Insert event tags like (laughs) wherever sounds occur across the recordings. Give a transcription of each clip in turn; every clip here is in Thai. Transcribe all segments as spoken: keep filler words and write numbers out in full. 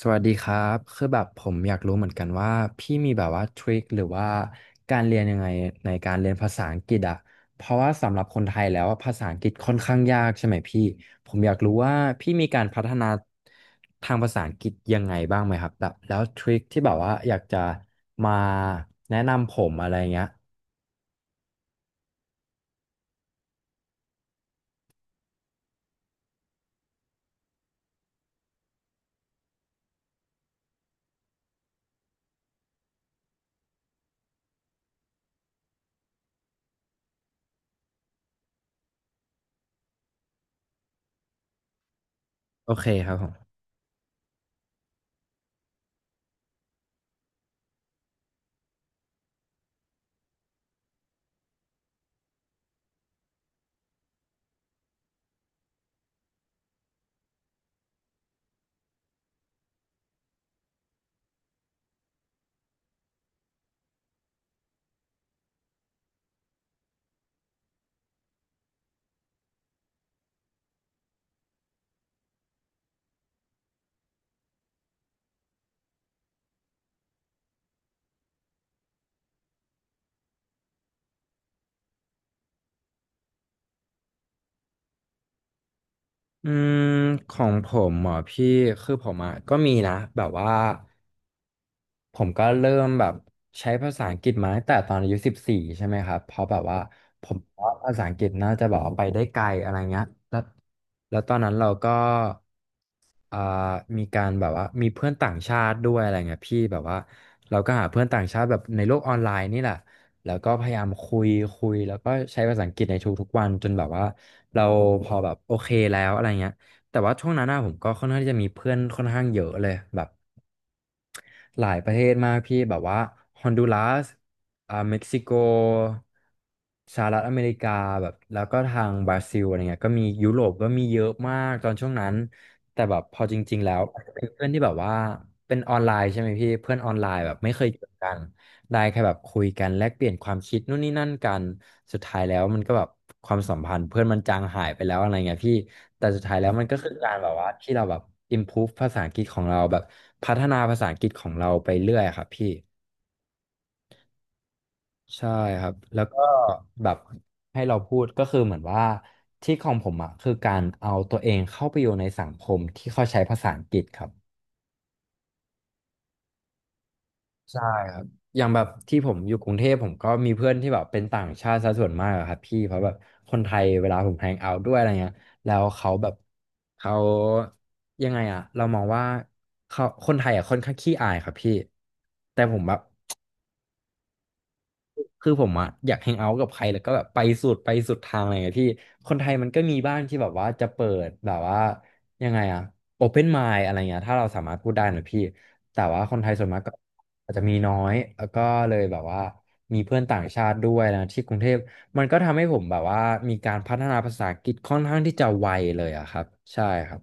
สวัสดีครับคือแบบผมอยากรู้เหมือนกันว่าพี่มีแบบว่าทริคหรือว่าการเรียนยังไงในการเรียนภาษาอังกฤษอะเพราะว่าสำหรับคนไทยแล้วอะภาษาอังกฤษค่อนข้างยากใช่ไหมพี่ผมอยากรู้ว่าพี่มีการพัฒนาทางภาษาอังกฤษยังไงบ้างไหมครับแบบแล้วทริคที่แบบว่าอยากจะมาแนะนำผมอะไรเงี้ยโอเคครับผมอืมของผมเหมอพี่คือผมอ่ะก็มีนะแบบว่า ผมก็เริ่มแบบใช้ภาษาอังกฤษมาตั้งแต่ตอนอายุสิบสี่ใช่ไหมครับเพราะแบบว่าผมว่าภาษาอังกฤษน่าจะแบบว่าไปได้ไกลอะไรเงี้ยแล้วแล้วตอนนั้นเราก็อ่ามีการแบบว่ามีเพื่อนต่างชาติด้วยอะไรเงี้ยพี่แบบว่าเราก็หาเพื่อนต่างชาติแบบในโลกออนไลน์นี่แหละแล้วก็พยายามคุยคุยแล้วก็ใช้ภาษาอังกฤษในทุกๆวันจนแบบว่าเราพอแบบโอเคแล้วอะไรเงี้ยแต่ว่าช่วงนั้นนะผมก็ค่อนข้างที่จะมีเพื่อนค่อนข้างเยอะเลยแบบ หลายประเทศมากพี่แบบว่าฮอนดูรัสอ่าเม็กซิโกสหรัฐอเมริกาแบบแล้วก็ทางบราซิลอะไรเงี้ยก็มียุโรปก็มีเยอะมากตอนช่วงนั้นแต่แบบพอจริงๆแล้วเป็นเพื่อนที่แบบว่าเป็นออนไลน์ใช่ไหมพี่เพื่อนออนไลน์แบบไม่เคยเจอกัน ได้แค่แบบคุยกันแลกเปลี่ยนความคิดนู่นนี่นั่นกันสุดท้ายแล้วมันก็แบบความสัมพันธ์เพื่อนมันจางหายไปแล้วอะไรเงี้ยพี่แต่สุดท้ายแล้วมันก็คือการแบบว่าที่เราแบบ improve ภาษาอังกฤษของเราแบบพัฒนาภาษาอังกฤษของเราไปเรื่อยครับพี่ใช่ครับแล้วก็แบบให้เราพูดก็คือเหมือนว่าที่ของผมอ่ะคือการเอาตัวเองเข้าไปอยู่ในสังคมที่เขาใช้ภาษาอังกฤษครับ ใช่ครับ อย่างแบบที่ผมอยู่กรุงเทพผมก็มีเพื่อนที่แบบเป็นต่างชาติซะส่วนมากอะครับพี่เพราะแบบคนไทยเวลาผมแฮงเอาท์ด้วยอะไรเงี้ยแล้วเขาแบบเขายังไงอะเรามองว่าเขาคนไทยอะค่อนข้างขี้อายครับพี่แต่ผมแบบ คือผมอะอยากแฮงเอาท์กับใครแล้วก็แบบไปสุดไปสุดทางอะไรอย่างเงี้ยพี่คนไทยมันก็มีบ้างที่แบบว่าจะเปิดแบบว่ายังไงอะโอเพนไมล์อะไรเงี้ยถ้าเราสามารถพูดได้นะพี่แต่ว่าคนไทยส่วนมากก็อาจจะมีน้อยแล้วก็เลยแบบว่ามีเพื่อนต่างชาติด้วยนะที่กรุงเทพมันก็ทำให้ผมแบบว่ามีการพัฒนาภาษาอังกฤษค่อนข้างที่จะไวเลยอะครับใช่ครับ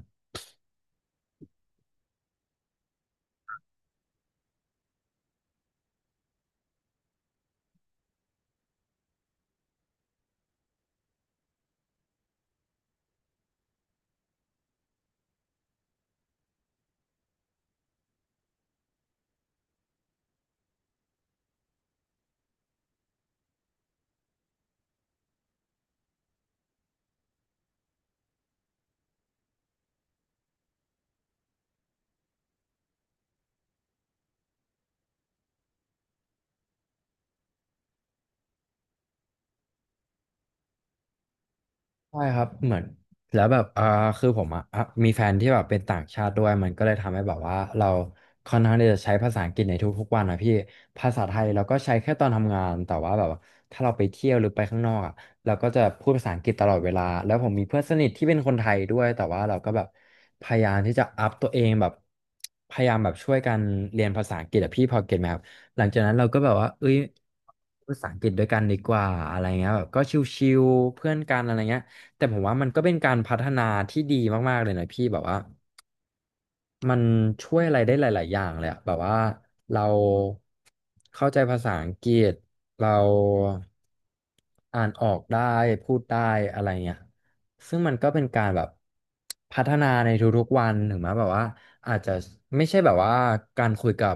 ใช่ครับเหมือนแล้วแบบอ่าคือผมอ่ะอ่ะมีแฟนที่แบบเป็นต่างชาติด้วยมันก็เลยทำให้แบบว่าเราค่อนข้างที่จะใช้ภาษาอังกฤษในทุกๆวันนะพี่ ภาษาไทยเราก็ใช้แค่ตอนทำงาน แต่ว่าแบบว่าถ้าเราไปเที่ยวหรือไปข้างนอกอ่ะเราก็จะพูดภาษาอังกฤษตลอดเวลาแล้วผมมีเพื่อนสนิทที่เป็นคนไทยด้วย แต่ว่าเราก็แบบพยายามที่จะอัพตัวเองแบบพยายามแบบช่วยกันเรียนภาษาอังกฤษอะพี่พอเก็ตไหมครับหลังจากนั้นเราก็แบบว่าเอ้ยภาษาอังกฤษด้วยกันดีกว่าอะไรเงี้ยแบบก็ชิวๆเพื่อนกันอะไรเงี้ย แต่ผมว่ามันก็เป็นการพัฒนาที่ดีมากๆเลยนะพี่แบบว่ามันช่วยอะไรได้หลายๆอย่างเลยอะแบบว่าเราเข้าใจภาษาอังกฤษเราอ่านออกได้พูดได้อะไรเงี้ยซึ่งมันก็เป็นการแบบพัฒนาในทุกๆวันถึงแม้แบบว่าอาจจะไม่ใช่แบบว่าการคุยกับ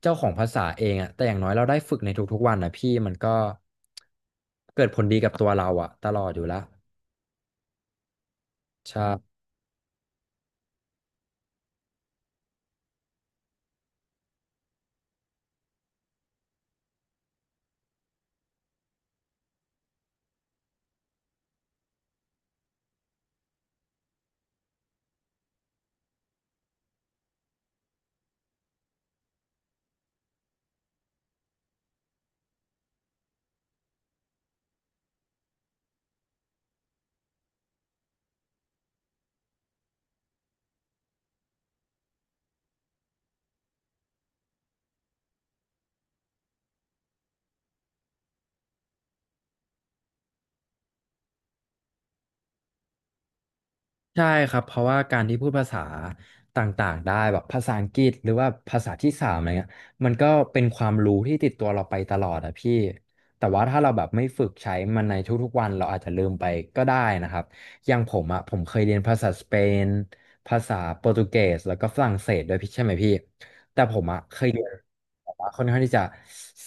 เจ้าของภาษาเองอะแต่อย่างน้อยเราได้ฝึกในทุกๆวันนะพี่มันก็เกิดผลดีกับตัวเราอะตลอดอยู่แล้วใช่ ใช่ครับเพราะว่าการที่พูดภาษาต่างๆได้แบบภาษาอังกฤษหรือว่าภาษาที่สามอะไรเงี้ยมันก็เป็นความรู้ที่ติดตัวเราไปตลอดอะพี่แต่ว่าถ้าเราแบบไม่ฝึกใช้มันในทุกๆวันเราอาจจะลืมไปก็ได้นะครับอย่างผมอะผมเคยเรียนภาษาสเปนภาษาโปรตุเกสแล้วก็ฝรั่งเศสด้วยพี่ใช่ไหมพี่ แต่ผมอะเคยเรียนแบบว่าค่อนข้างที่จะ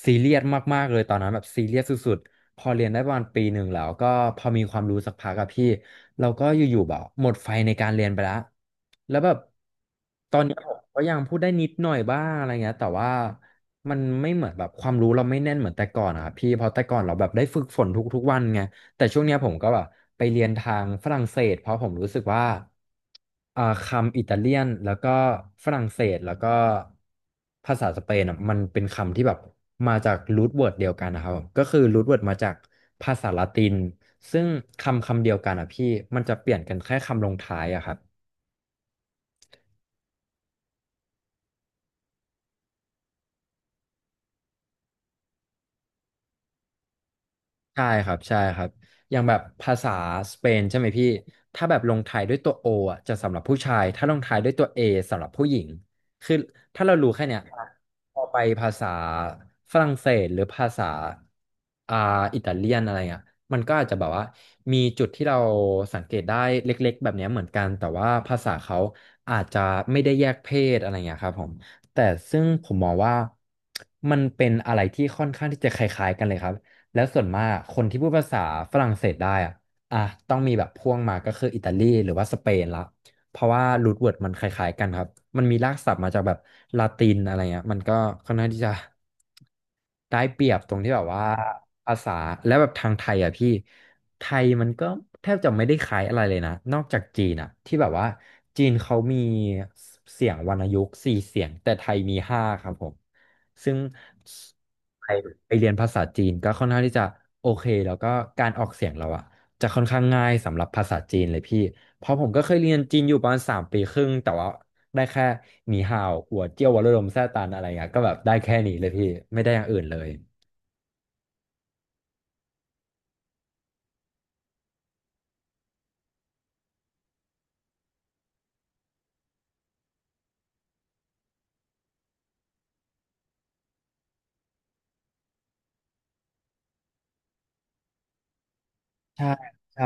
ซีเรียสมากๆเลยตอนนั้นแบบซีเรียสสุดๆพอเรียนได้ประมาณปีหนึ่งแล้วก็พอมีความรู้สักพักอะพี่เราก็อยู่ๆแบบหมดไฟในการเรียนไปแล้วแล้วแบบตอนเนี้ยผมก็ยังพูดได้นิดหน่อยบ้างอะไรเงี้ยแต่ว่ามันไม่เหมือนแบบความรู้เราไม่แน่นเหมือนแต่ก่อนอะครับพี่เพราะแต่ก่อนเราแบบได้ฝึกฝนทุกๆวันไง แต่ช่วงเนี้ยผมก็แบบไปเรียนทางฝรั่งเศสเพราะผมรู้สึกว่าอ่าคำอิตาเลียนแล้วก็ฝรั่งเศสแล้วก็ภาษาสเปนอะมันเป็นคำที่แบบมาจากรูทเวิร์ดเดียวกันนะครับก็คือรูทเวิร์ดมาจากภาษาละตินซึ่งคำคำเดียวกันอ่ะพี่มันจะเปลี่ยนกันแค่คำลงท้ายอะครับ ใช่ครับใช่ครับอย่างแบบภาษาสเปนใช่ไหมพี่ถ้าแบบลงท้ายด้วยตัวโออ่ะจะสำหรับผู้ชายถ้าลงท้ายด้วยตัวเอสำหรับผู้หญิงคือถ้าเรารู้แค่เนี้ยพอไปภาษาฝรั่งเศสหรือภาษาอ่าอิตาเลียนอะไรอ่ะมันก็อาจจะแบบว่ามีจุดที่เราสังเกตได้เล็กๆแบบเนี้ยเหมือนกันแต่ว่าภาษาเขาอาจจะไม่ได้แยกเพศอะไรเงี้ยครับผมแต่ซึ่งผมมองว่ามันเป็นอะไรที่ค่อนข้างที่จะคล้ายๆกันเลยครับ แล้วส่วนมากคนที่พูดภาษาฝรั่งเศสได้อ่ะอ่ะต้องมีแบบพ่วงมาก็คืออิตาลีหรือว่าสเปนละเพราะว่ารูทเวิร์ดมันคล้ายๆกันครับมันมีรากศัพท์มาจากแบบลาตินอะไรเงี้ยมันก็ค่อนข้างที่จะได้เปรียบตรงที่แบบว่าภาษาและแบบทางไทยอ่ะพี่ไทยมันก็แทบจะไม่ได้คล้ายอะไรเลยนะนอกจากจีนอ่ะที่แบบว่าจีนเขามีเสียงวรรณยุกต์สี่เสียงแต่ไทยมีห้าครับผมซึ่ง ไปไปเรียนภาษาจีนก็ค่อนข้างที่จะโอเคแล้วก็การออกเสียงเราอะจะค่อนข้างง่ายสำหรับภาษาจีนเลยพี่เพราะผมก็เคยเรียนจีนอยู่ประมาณสามปีครึ่งแต่ว่าได้แค่หนีห่าวหัวเจี้ยววัดระดมแซ่ตันอะไรเงี้ยก็แบบได้แค่นี้เลยพี่ไม่ได้อย่างอื่นเลยใช่ใช่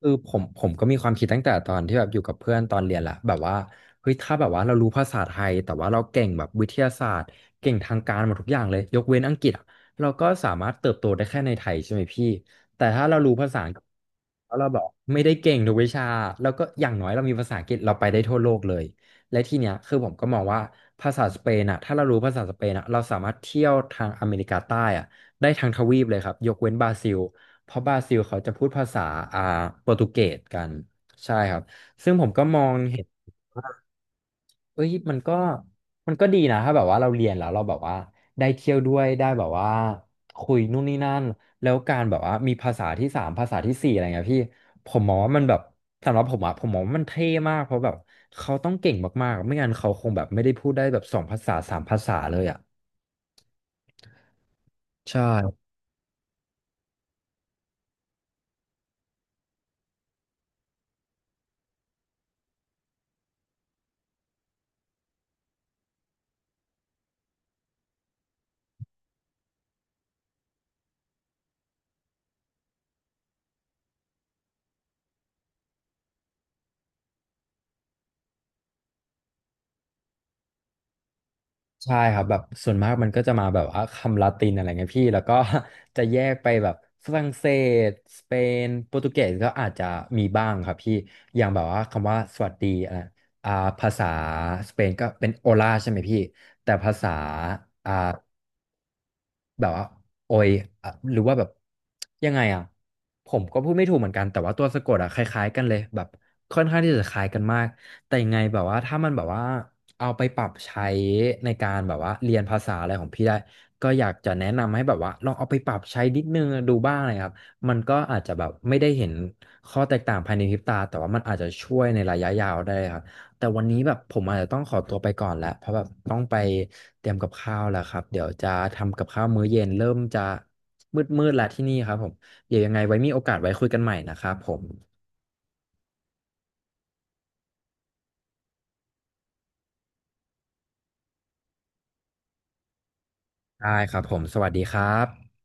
คือผมผมก็มีความคิดตั้งแต่ตอนที่แบบอยู่กับเพื่อนตอนเรียนแหละแบบว่าเฮ้ยถ้าแบบว่าเรารู้ภาษาไทยแต่ว่าเราเก่งแบบวิทยาศาสตร์เก่งทางการหมดทุกอย่างเลยยกเว้นอังกฤษอะเราก็สามารถเติบโตได้แค่ในไทยใช่ไหมพี่แต่ถ้าเรารู้ภาษาอังกฤษแล้วเราแบบไม่ได้เก่งทุกวิชาแล้วก็อย่างน้อยเรามีภาษาอังกฤษเราไปได้ทั่วโลกเลยและทีเนี้ยคือผมก็มองว่าภาษาสเปนอะถ้าเรารู้ภาษาสเปนอะเราสามารถเที่ยวทางอเมริกาใต้อะได้ทั้งทวีปเลยครับยกเว้นบราซิล เพราะบราซิลเขาจะพูดภาษาอ่าโปรตุเกสกันใช่ครับซึ่งผมก็มองเห็นเอ้ยมันก็มันก็ดีนะถ้าแบบว่าเราเรียนแล้วเราแบบว่าได้เที่ยวด้วยได้แบบว่าคุยนู่นนี่นั่นแล้วการแบบว่ามีภาษาที่สามภาษาที่สี่อะไรเงี้ยพี่ผมมองว่ามันแบบสำหรับผมอะผมมองว่ามันเท่มากเพราะแบบเขาต้องเก่งมากๆไม่งั้นเขาคงแบบไม่ได้พูดได้แบบสองภาษาสามภาษาเลยอะใช่ ใช่ครับแบบส่วนมากมันก็จะมาแบบว่าคำลาตินอะไรเงี้ยพี่แล้วก็ (laughs) จะแยกไปแบบฝรั่งเศสสเปนโปรตุเกสก็อาจจะมีบ้างครับพี่อย่างแบบว่าคำว่าสวัสดีอะไรอ่าภาษาสเปนก็เป็นโอลาใช่ไหมพี่แต่ภาษาอ่า แบบว่าโอยอ่ะหรือว่าแบบยังไงอ่ะผมก็พูดไม่ถูกเหมือนกันแต่ว่าตัวสะกดอ่ะคล้ายๆกันเลยแบบค่อนข้างที่จะคล้ายกันมากแต่ยังไงแบบว่าถ้ามันแบบว่าเอาไปปรับใช้ในการแบบว่าเรียนภาษาอะไรของพี่ได้ก็อยากจะแนะนำให้แบบว่าลองเอาไปปรับใช้นิดนึงดูบ้างนะครับมันก็อาจจะแบบไม่ได้เห็นข้อแตกต่างภายในพริบตาแต่ว่ามันอาจจะช่วยในระยะยาวได้ครับ แต่วันนี้แบบผมอาจจะต้องขอตัวไปก่อนแล้วเพราะแบบต้องไปเตรียมกับข้าวแล้วครับเดี๋ยวจะทำกับข้าวมื้อเย็นเริ่มจะมืดๆแล้วที่นี่ครับผมเดี๋ยวยังไงไว้มีโอกาสไว้คุยกันใหม่นะครับผมได้ครับผมสวัสดีครับ